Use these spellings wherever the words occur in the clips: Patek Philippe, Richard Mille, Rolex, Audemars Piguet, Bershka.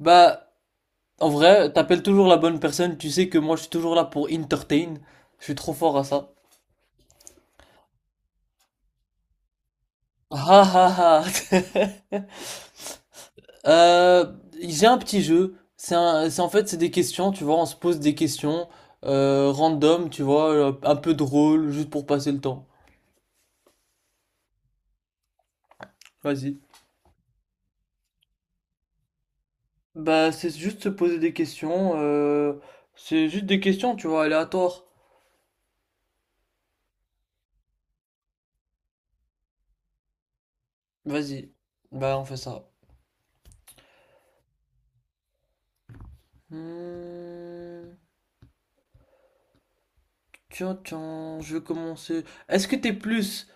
Bah, en vrai, t'appelles toujours la bonne personne, tu sais que moi je suis toujours là pour entertain. Je suis trop fort à ça. Ah ah ah. Euh, j'ai un petit jeu. C'est en fait, c'est des questions, tu vois, on se pose des questions random, tu vois, un peu drôle, juste pour passer le temps. Vas-y. Bah, c'est juste se poser des questions. C'est juste des questions, tu vois, aléatoires. Vas-y. Bah, on fait ça. Hmm. Tiens, tiens, je vais commencer. Est-ce que t'es plus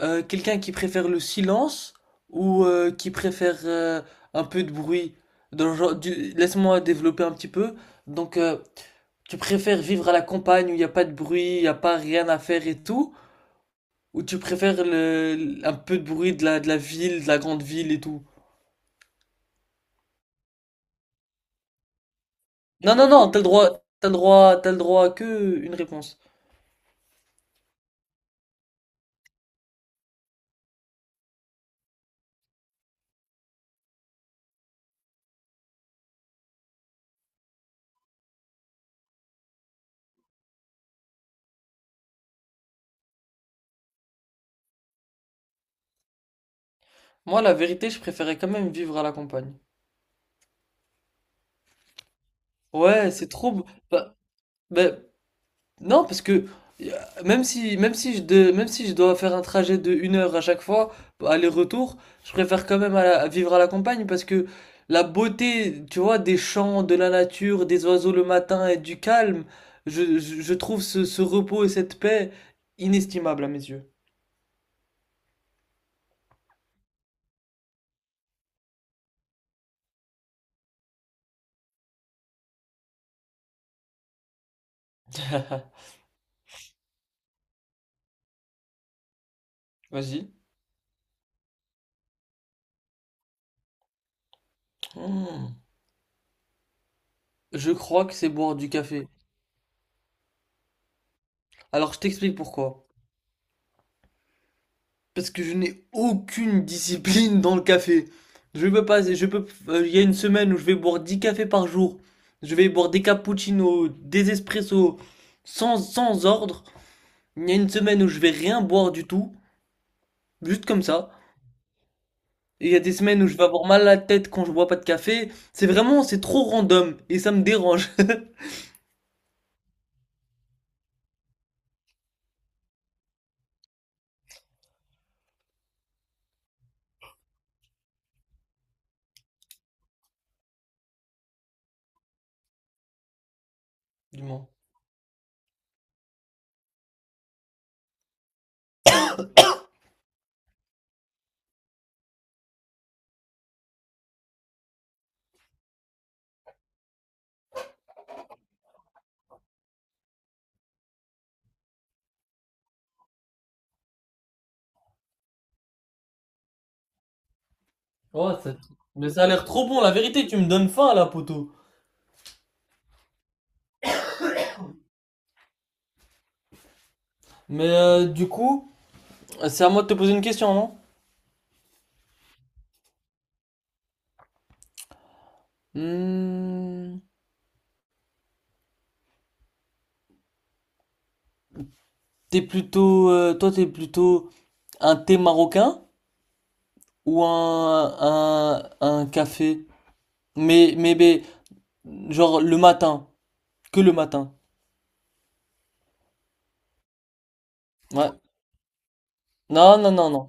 quelqu'un qui préfère le silence ou qui préfère un peu de bruit? Dans le genre laisse-moi développer un petit peu. Donc, tu préfères vivre à la campagne où il n'y a pas de bruit, il n'y a pas rien à faire et tout, ou tu préfères un peu de bruit de la ville, de la grande ville et tout? Non, non, non, t'as le droit, t'as le droit, t'as le droit à que une réponse. Moi, la vérité, je préférais quand même vivre à la campagne. Ouais, c'est trop beau. Bah, bah, Non, parce que euh, même si je dois faire un trajet de 1 heure à chaque fois, aller-retour, je préfère quand même vivre à la campagne parce que la beauté, tu vois, des champs, de la nature, des oiseaux le matin et du calme, je trouve ce repos et cette paix inestimables à mes yeux. Vas-y. Hmm. Je crois que c'est boire du café. Alors je t'explique pourquoi. Parce que je n'ai aucune discipline dans le café. Je peux pas, il y a une semaine où je vais boire 10 cafés par jour. Je vais boire des cappuccinos, des espressos, sans ordre. Il y a une semaine où je vais rien boire du tout, juste comme ça. Et il y a des semaines où je vais avoir mal à la tête quand je bois pas de café. C'est trop random et ça me dérange. Du moins. Oh, mais ça a l'air trop bon. La vérité, tu me donnes faim là, poteau. Mais du coup, c'est à moi de te poser une question, non? Hmm. T'es plutôt un thé marocain ou un café? Mais, genre le matin, que le matin. Ouais. Non, non, non, non.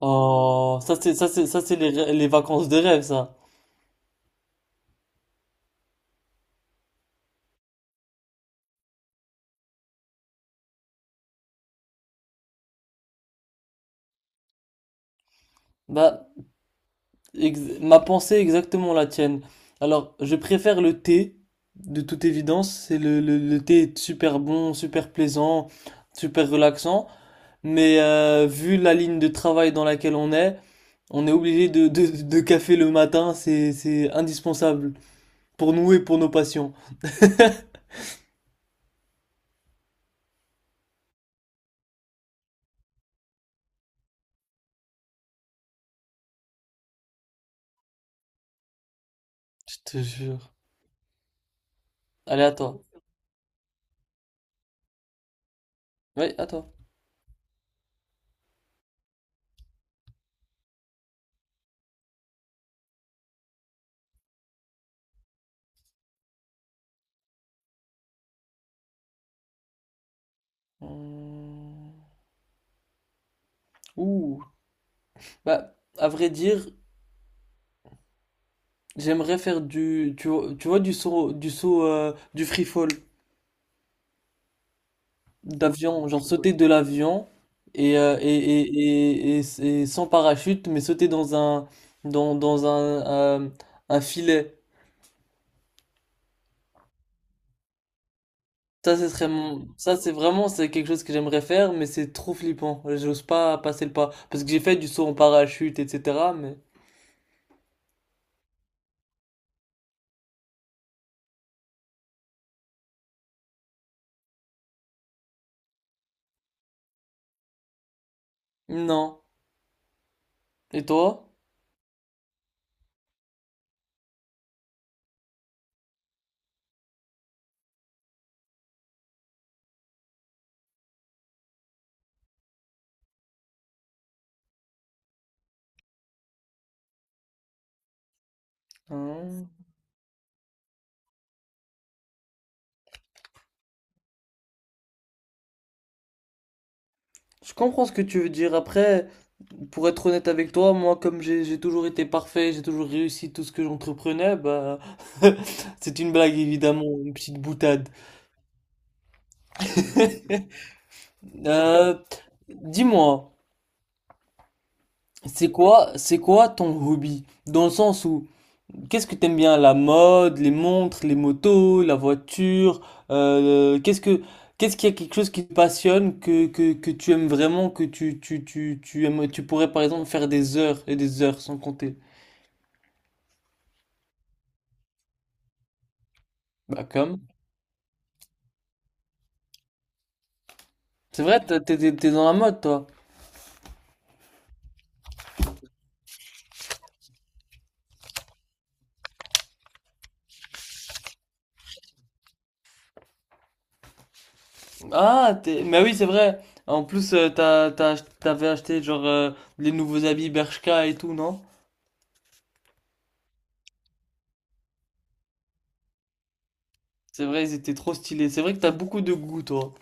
Oh, ça c'est les vacances de rêve, ça. Bah, ma pensée est exactement la tienne. Alors, je préfère le thé, de toute évidence. C'est le thé est super bon, super plaisant, super relaxant. Mais vu la ligne de travail dans laquelle on est. On est obligé de café le matin, c'est indispensable pour nous et pour nos patients. Je te jure. Allez, à toi. Oui, à toi. Hum. Ouh. Bah, à vrai dire, j'aimerais faire du, tu vois, du saut, du saut, du free fall d'avion, genre sauter de l'avion et sans parachute, mais sauter dans un filet. Ça, ce serait mon. Ça, c'est quelque chose que j'aimerais faire, mais c'est trop flippant. J'ose pas passer le pas. Parce que j'ai fait du saut en parachute, etc., mais. Non. Et toi? Hein. Je comprends ce que tu veux dire. Après, pour être honnête avec toi, moi, comme j'ai toujours été parfait, j'ai toujours réussi tout ce que j'entreprenais, bah. C'est une blague, évidemment, une petite boutade. Euh, Dis-moi. C'est quoi ton hobby? Dans le sens où, qu'est-ce que t'aimes bien? La mode, les montres, les motos, la voiture, euh, qu'est-ce que, qu'est-ce qu'il y a quelque chose qui te passionne, que tu aimes vraiment, que tu aimes, tu pourrais par exemple faire des heures et des heures sans compter. Bah comme. C'est vrai, t'es dans la mode, toi. Ah, mais oui, c'est vrai. En plus, t'avais acheté genre les nouveaux habits Bershka et tout, non? C'est vrai, ils étaient trop stylés. C'est vrai que t'as beaucoup de goût, toi.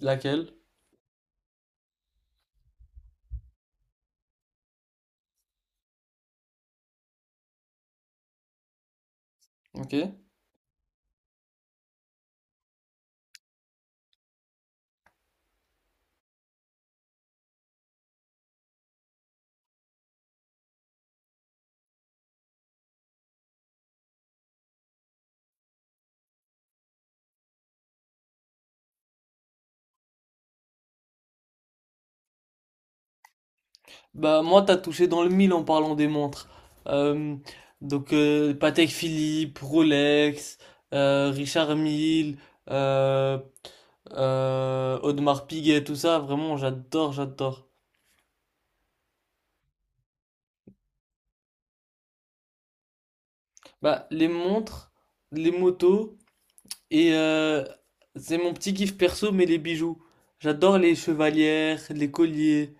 Laquelle? Ok. Bah moi t'as touché dans le mille en parlant des montres. Euh, donc Patek Philippe, Rolex, Richard Mille, euh, Audemars Piguet, tout ça, vraiment j'adore, j'adore. Bah les montres, les motos et c'est mon petit kiff perso mais les bijoux. J'adore les chevalières, les colliers.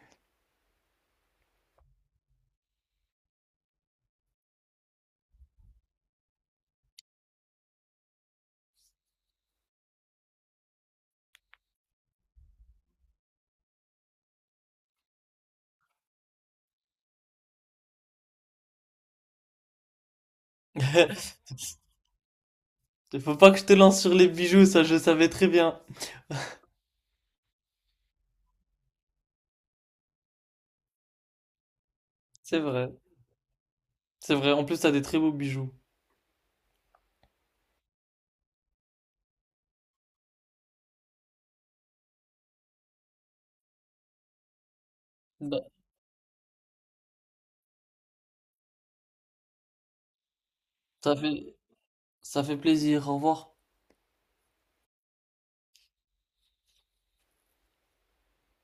Faut pas que je te lance sur les bijoux, ça je savais très bien. C'est vrai, c'est vrai. En plus t'as des très beaux bijoux. Ça fait, ça fait plaisir. Au revoir.